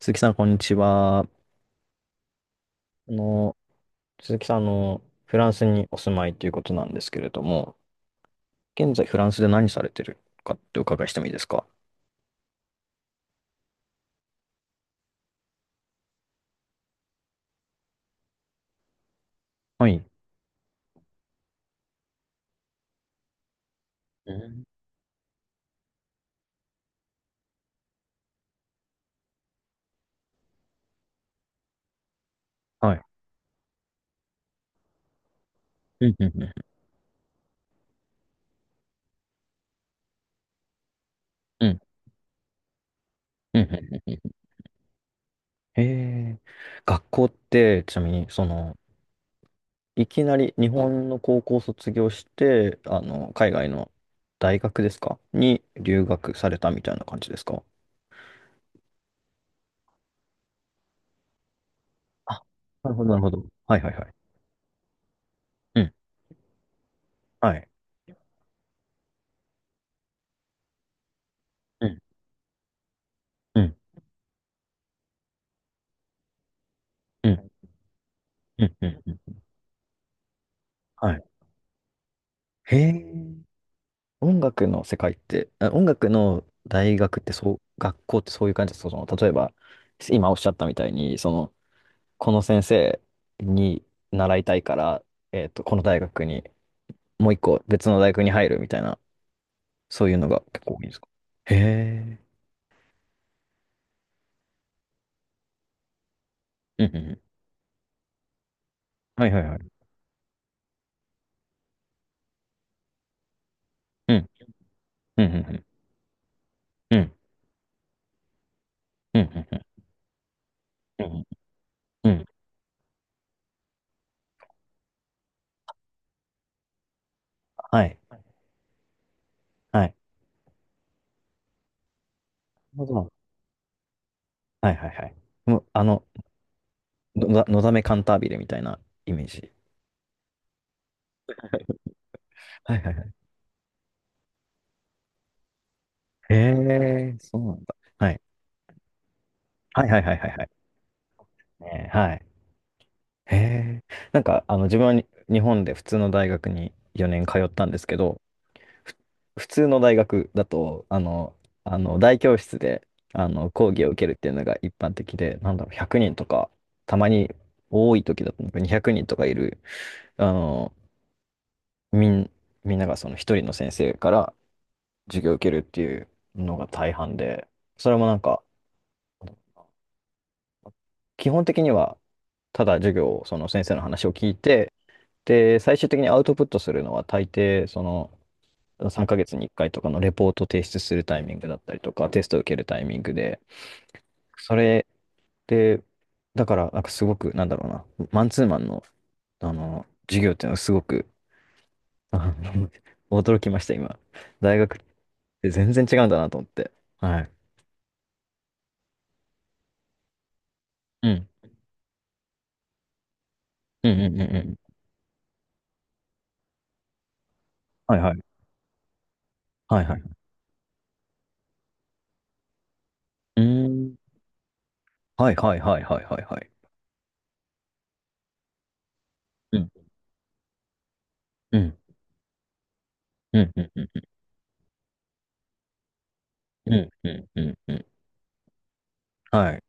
鈴木さん、こんにちは。の、鈴木さん、フランスにお住まいということなんですけれども、現在フランスで何されてるかってお伺いしてもいいですか？はい。うんはい。うん、うん、うん、うん、うん、うん、うん。うんへえ。学校って、ちなみに、その、いきなり日本の高校を卒業して、海外の大学ですかに留学されたみたいな感じですか？あ、なるほど、なるほど。はい、はい、はい。うん。はい。うん、うん、うん、うん、うん。うんはいへえ、音楽の世界って、音楽の大学ってそう、学校ってそういう感じですか？その、例えば、今おっしゃったみたいに、その、この先生に習いたいから、この大学に、もう一個別の大学に入るみたいな、そういうのが結構多いんですか？へえ、うんうんうん。はいはいはい。うん、うん、うん、うん、うん、うん、うん、うん、うん、うんはい、はい。なるほどはいはいはい。もう、のだめカンタービレみたいなイメージ。はいはいはい。へえ、そうなんだ。はい。はいはいはいはいはい。ねはい。へえ。なんか、自分はに日本で普通の大学に4年通ったんですけど、ふ普通の大学だと、あの大教室であの講義を受けるっていうのが一般的で、なんだろう、100人とか、たまに多い時だとなんか200人とかいる、あの、みん、みんながその一人の先生から授業を受けるっていうのが大半で、それもなんか、基本的にはただ授業を、その先生の話を聞いて、で、最終的にアウトプットするのは大抵、その、3ヶ月に1回とかのレポート提出するタイミングだったりとか、テストを受けるタイミングで、それで、だから、なんかすごく、なんだろうな、マンツーマンの、授業っていうのはすごく、あの 驚きました、今。大学って全然違うんだなと思って。はい。うん。うんうんうんうん。はいはい。はいはい。うーん。はいはいはいはいはいはい。うん。うん。うんうんうん。うん、うん、うん、うん。はい。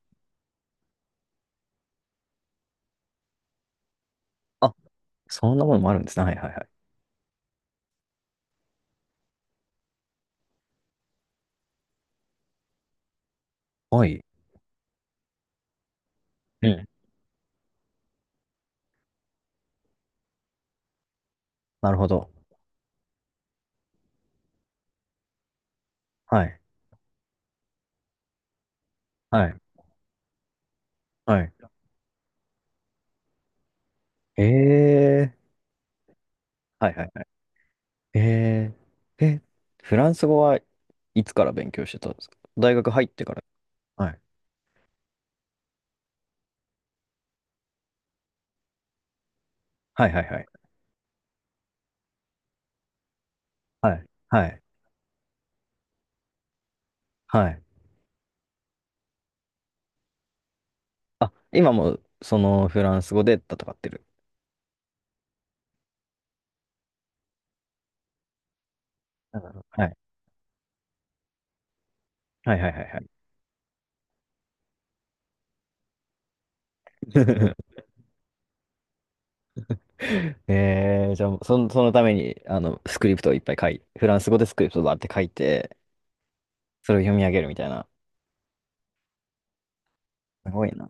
あ、そんなものもあるんですね。はい、はい、はい。はい。うん。なるほど。はい、はい、はい。ええはい、はい、はい。えー、え、フランス語はいつから勉強してたんですか？大学入ってから。はい。はい、はい、はい。はい、はい、はい。あ、今もそのフランス語で戦ってる。なるほどはい。はいはいはいはい。じゃあ、そのために、スクリプトをいっぱい書い、フランス語でスクリプトをバーって書いて、それを読み上げるみたいな。すごいな。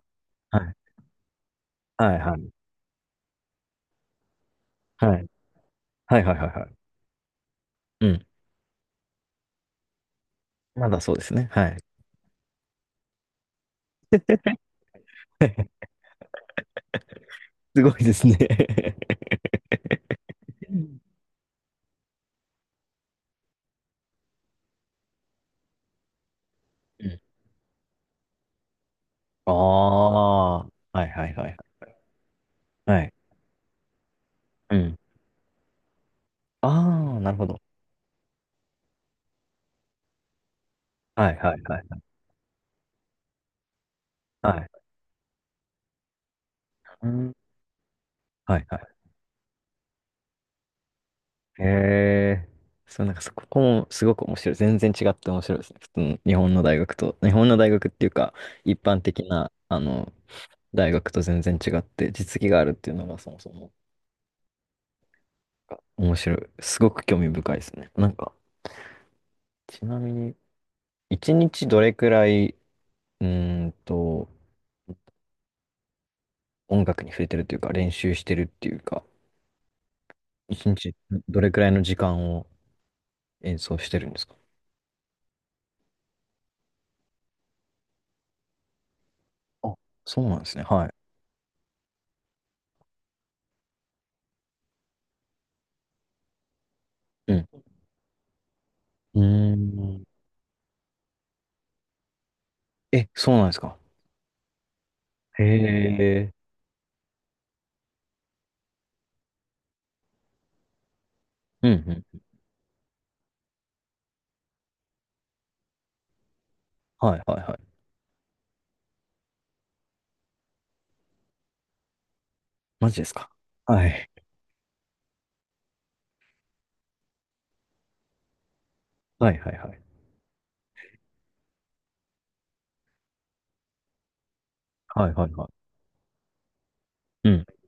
はい。はいはい。はい。はいはいはいはい。うん。まだそうですね。はい。すごいですねうん。ああ。はいはいはい。はい。うん。ああ、なるほど。はいはいはい。はい。うん。はいはい。へえ。そう、なんかそこもすごく面白い。全然違って面白いですね。普通の日本の大学と、日本の大学っていうか、一般的な、大学と全然違って、実技があるっていうのがそもそも面白い。すごく興味深いですね。なんか、ちなみに、一日どれくらい、うーんと、音楽に触れてるというか、練習してるっていうか、一日どれくらいの時間を演奏してるんですか？あ、そうなんですね。はい。うん。うーん。え、そうなんですか。へえ。うんうん。はいはいはい。マジですか。はい。はいはいはい。はいはいはい。うん。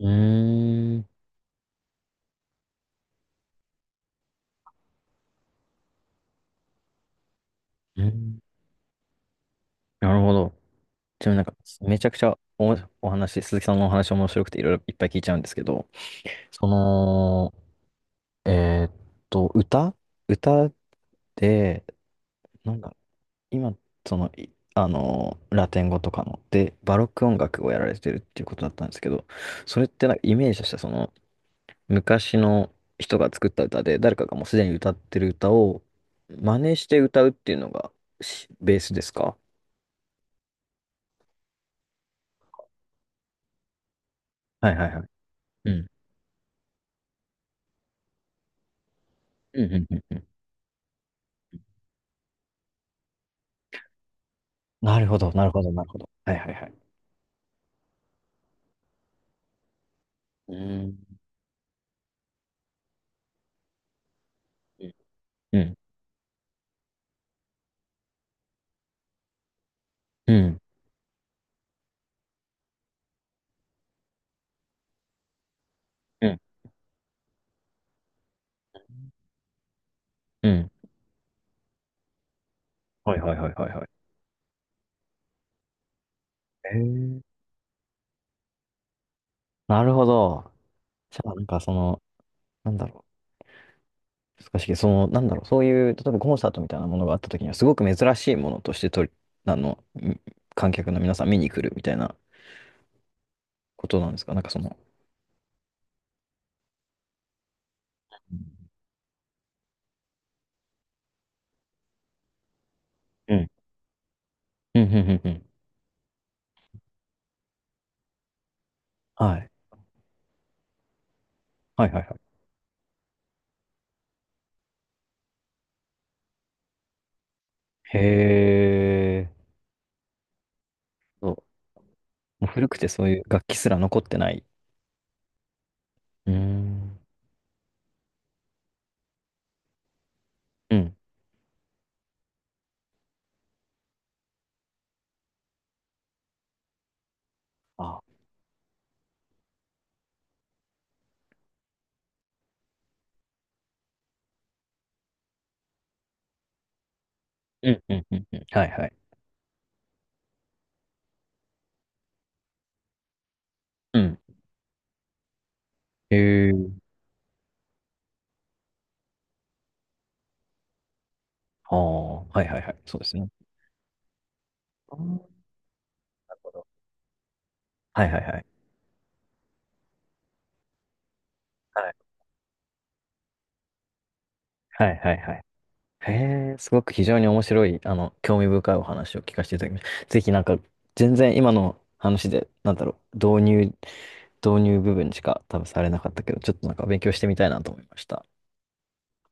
うーん。うん。なるほど。ちなみになんか、めちゃくちゃお話、鈴木さんのお話面白くていろいろいっぱい聞いちゃうんですけど、その、えーっと、歌歌で、なんだ、今、その、いラテン語とかの、で、バロック音楽をやられてるっていうことだったんですけど、それってなんかイメージとしては、その、昔の人が作った歌で、誰かがもうすでに歌ってる歌を真似して歌うっていうのがベースですか？はいはいはい。うん。うんうんうんうん。なるほど、なるほど、なるほど。はいはいはい。うん。うん。うん。うん。うん。はいはいはいはいはい。えー、なるほど。じゃあ、なんかその、なんだろう。難しいけど、その、なんだろう。そういう、例えばコンサートみたいなものがあった時には、すごく珍しいものとしてあの、ん観客の皆さん見に来るみたいなことなんですか？なんかその。うん。うん。うん。うん。うんはい。はいはいはい。へえ。そうもう古くてそういう楽器すら残ってない。うーん。うん。あ。うん。うん。うん。うんはいはい。うん。へえ。ああ、はいはいはい。そうですね。あーなるほどはいはいはい。はいはいはいはい。へえ、すごく非常に面白い、興味深いお話を聞かせていただきました。ぜひなんか、全然今の話で、なんだろう、導入部分しか多分されなかったけど、ちょっとなんか勉強してみたいなと思いました。